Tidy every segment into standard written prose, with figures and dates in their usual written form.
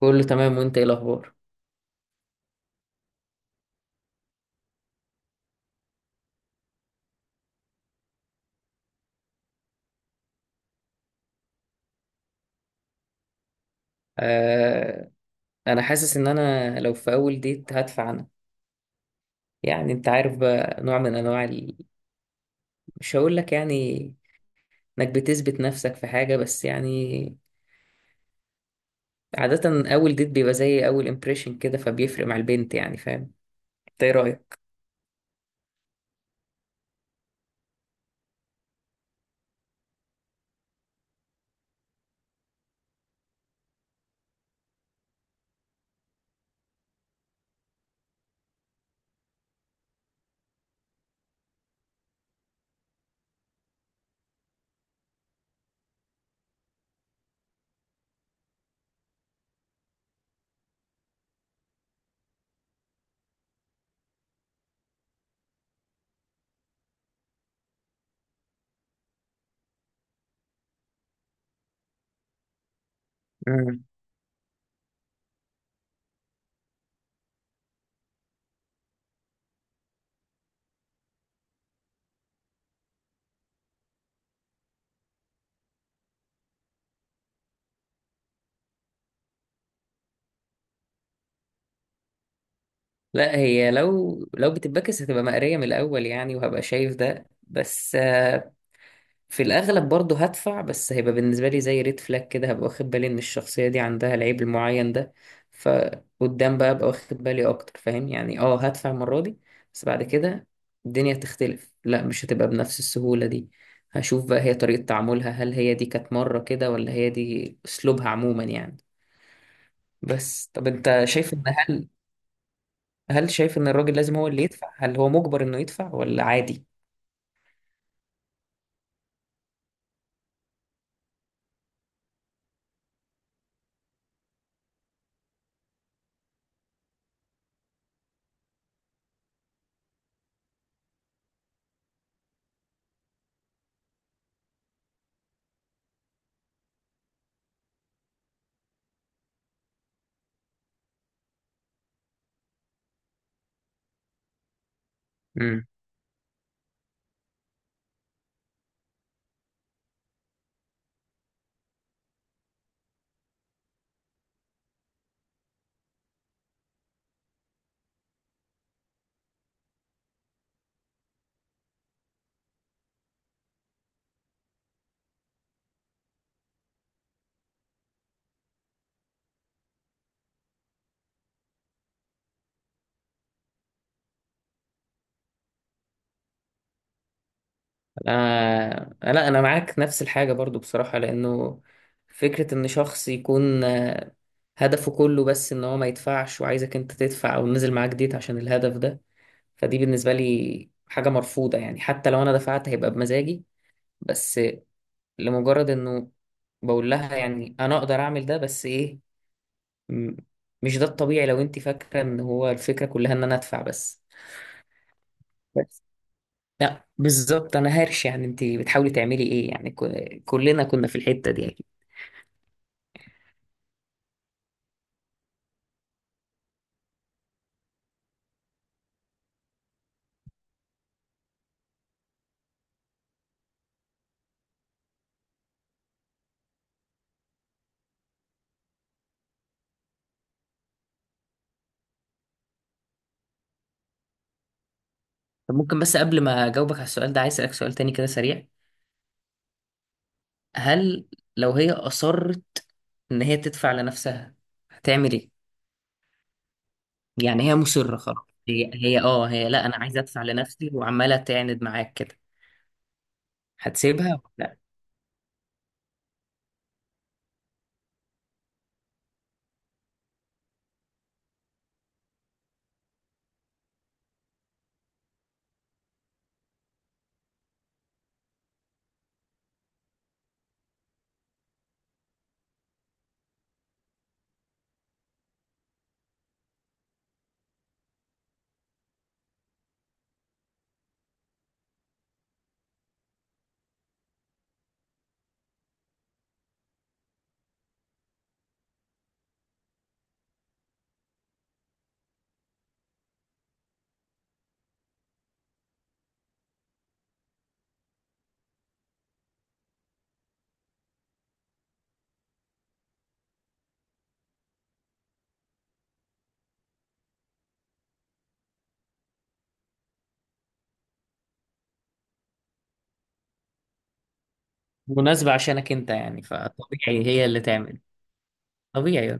كله تمام وانت ايه الاخبار. آه، انا حاسس ان انا لو في اول ديت هدفع انا. يعني انت عارف بقى نوع من انواع ال... مش هقول لك يعني انك بتثبت نفسك في حاجة، بس يعني عادة اول ديت بيبقى زي اول امبريشن كده، فبيفرق مع البنت يعني. فاهم، انت ايه رأيك؟ مم. لا هي لو بتتبكس هتبقى مقرية من الاول يعني، وهبقى شايف ده. بس في الأغلب برضه هدفع، بس هيبقى بالنسبة لي زي ريد فلاج كده، هبقى واخد بالي إن الشخصية دي عندها العيب المعين ده. فقدام بقى أبقى واخد بالي أكتر، فاهم يعني. أه هدفع المرة دي، بس بعد كده الدنيا تختلف، لا مش هتبقى بنفس السهولة دي. هشوف بقى هي طريقة تعاملها، هل هي دي كانت مرة كده ولا هي دي أسلوبها عموما يعني. بس طب أنت شايف إن هل هل شايف إن الراجل لازم هو اللي يدفع، هل هو مجبر إنه يدفع ولا عادي؟ لا انا معاك نفس الحاجه برضو بصراحه، لانه فكره ان شخص يكون هدفه كله بس ان هو ما يدفعش وعايزك انت تدفع، او نزل معاك ديت عشان الهدف ده، فدي بالنسبه لي حاجه مرفوضه يعني. حتى لو انا دفعت هيبقى بمزاجي، بس لمجرد انه بقول لها يعني انا اقدر اعمل ده، بس ايه، م- مش ده الطبيعي لو انت فاكره ان هو الفكره كلها ان انا ادفع بس. لا بالظبط انا هرش، يعني انت بتحاولي تعملي ايه يعني، كلنا كنا في الحتة دي اكيد. طب ممكن بس قبل ما اجاوبك على السؤال ده عايز اسالك سؤال تاني كده سريع. هل لو هي اصرت ان هي تدفع لنفسها هتعمل ايه؟ يعني هي مصرة خلاص، هي اه هي، لا انا عايزه ادفع لنفسي، وعماله تعند معاك كده. هتسيبها ولا لا؟ مناسبة عشانك انت يعني، فطبيعي هي اللي تعمل. طبيعي.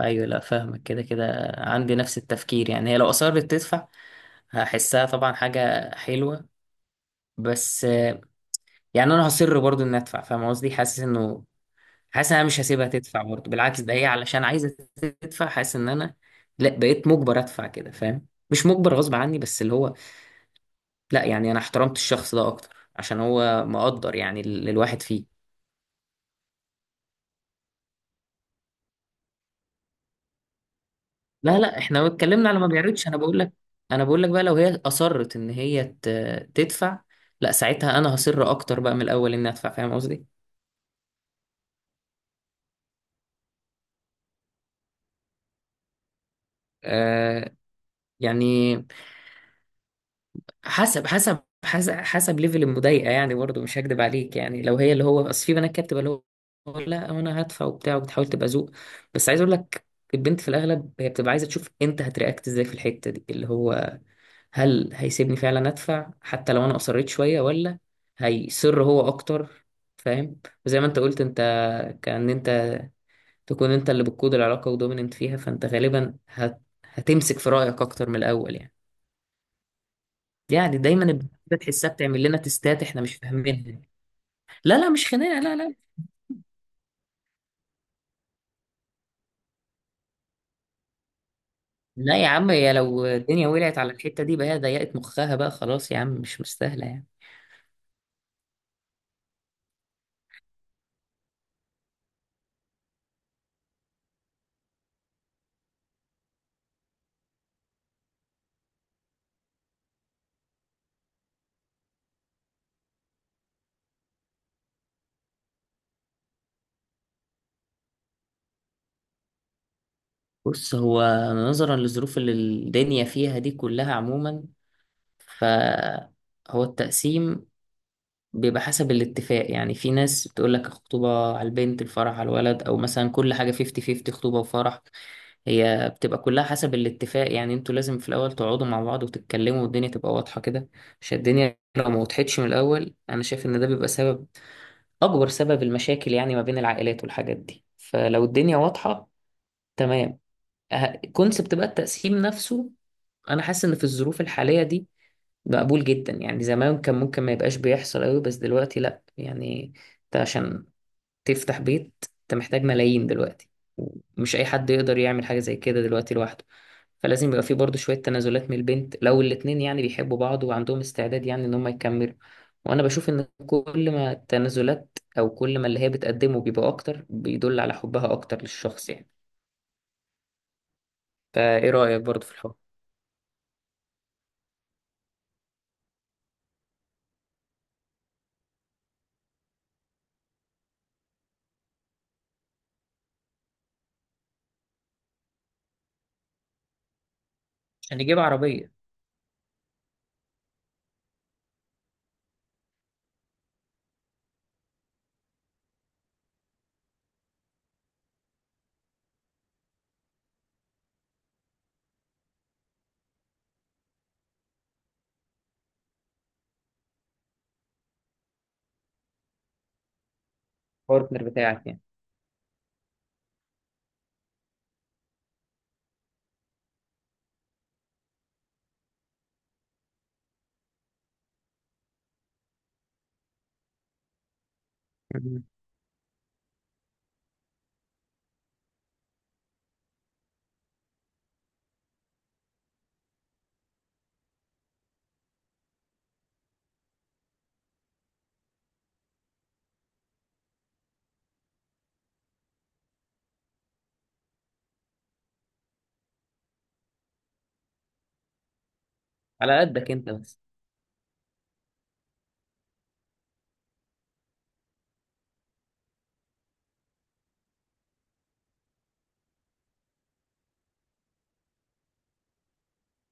ايوه، لا فاهمك، كده كده عندي نفس التفكير. يعني هي لو اصرت تدفع هحسها طبعا حاجه حلوه، بس آه، يعني انا هصر برضو اني ادفع، فاهم قصدي، حاسس انه حاسس ان انا مش هسيبها تدفع برضو، بالعكس ده هي علشان عايزه تدفع حاسس ان انا لا بقيت مجبر ادفع كده، فاهم مش مجبر غصب عني، بس اللي هو لا يعني انا احترمت الشخص ده اكتر عشان هو مقدر يعني الواحد فيه. لا لا احنا اتكلمنا على ما بيعرضش، انا بقول لك، انا بقول لك بقى لو هي اصرت ان هي تدفع، لا ساعتها انا هصر اكتر بقى من الاول اني ادفع، فاهم قصدي. آه. يعني حسب حسب ليفل المضايقه يعني، برضه مش هكدب عليك، يعني لو هي اللي هو اصل في بنات كانت بتبقى اللي هو لا انا هدفع وبتاع، وبتحاول تبقى ذوق. بس عايز اقول لك، البنت في الاغلب هي بتبقى عايزه تشوف انت هترياكت ازاي في الحته دي، اللي هو هل هيسيبني فعلا ادفع حتى لو انا اصريت شويه، ولا هيصر هو اكتر، فاهم. وزي ما انت قلت انت، كأن انت تكون انت اللي بتقود العلاقه ودوميننت فيها، فانت غالبا هت... هتمسك في رايك اكتر من الاول يعني. يعني دايما البنت بتحسها بتعمل لنا تستات احنا مش فاهمينها. لا لا مش خناقه، لا لا. لا يا عم، هي لو الدنيا ولعت على الحته دي بقى هي ضيقت مخها بقى، خلاص يا عم مش مستاهله يعني. بص هو نظرا للظروف اللي الدنيا فيها دي كلها عموما، فهو التقسيم بيبقى حسب الاتفاق يعني. في ناس بتقول لك الخطوبة على البنت الفرح على الولد، أو مثلا كل حاجة 50 50، خطوبة وفرح. هي بتبقى كلها حسب الاتفاق يعني، انتوا لازم في الأول تقعدوا مع بعض وتتكلموا، والدنيا تبقى واضحة كده. عشان الدنيا لو ما وضحتش من الأول أنا شايف إن ده بيبقى سبب، أكبر سبب المشاكل يعني ما بين العائلات والحاجات دي. فلو الدنيا واضحة تمام. كونسبت بقى التقسيم نفسه، انا حاسس ان في الظروف الحاليه دي مقبول جدا يعني. زمان كان ممكن ما يبقاش بيحصل قوي، بس دلوقتي لا يعني، انت عشان تفتح بيت انت محتاج ملايين دلوقتي، مش اي حد يقدر يعمل حاجه زي كده دلوقتي لوحده. فلازم يبقى في برضه شويه تنازلات من البنت، لو الاتنين يعني بيحبوا بعض وعندهم استعداد يعني ان هم يكملوا. وانا بشوف ان كل ما التنازلات او كل ما اللي هي بتقدمه بيبقى اكتر، بيدل على حبها اكتر للشخص يعني. فايه رايك برضه في الحوار؟ عشان يجيب عربية. البارتنر بتاعك يعني. مم. على قدك انت بس.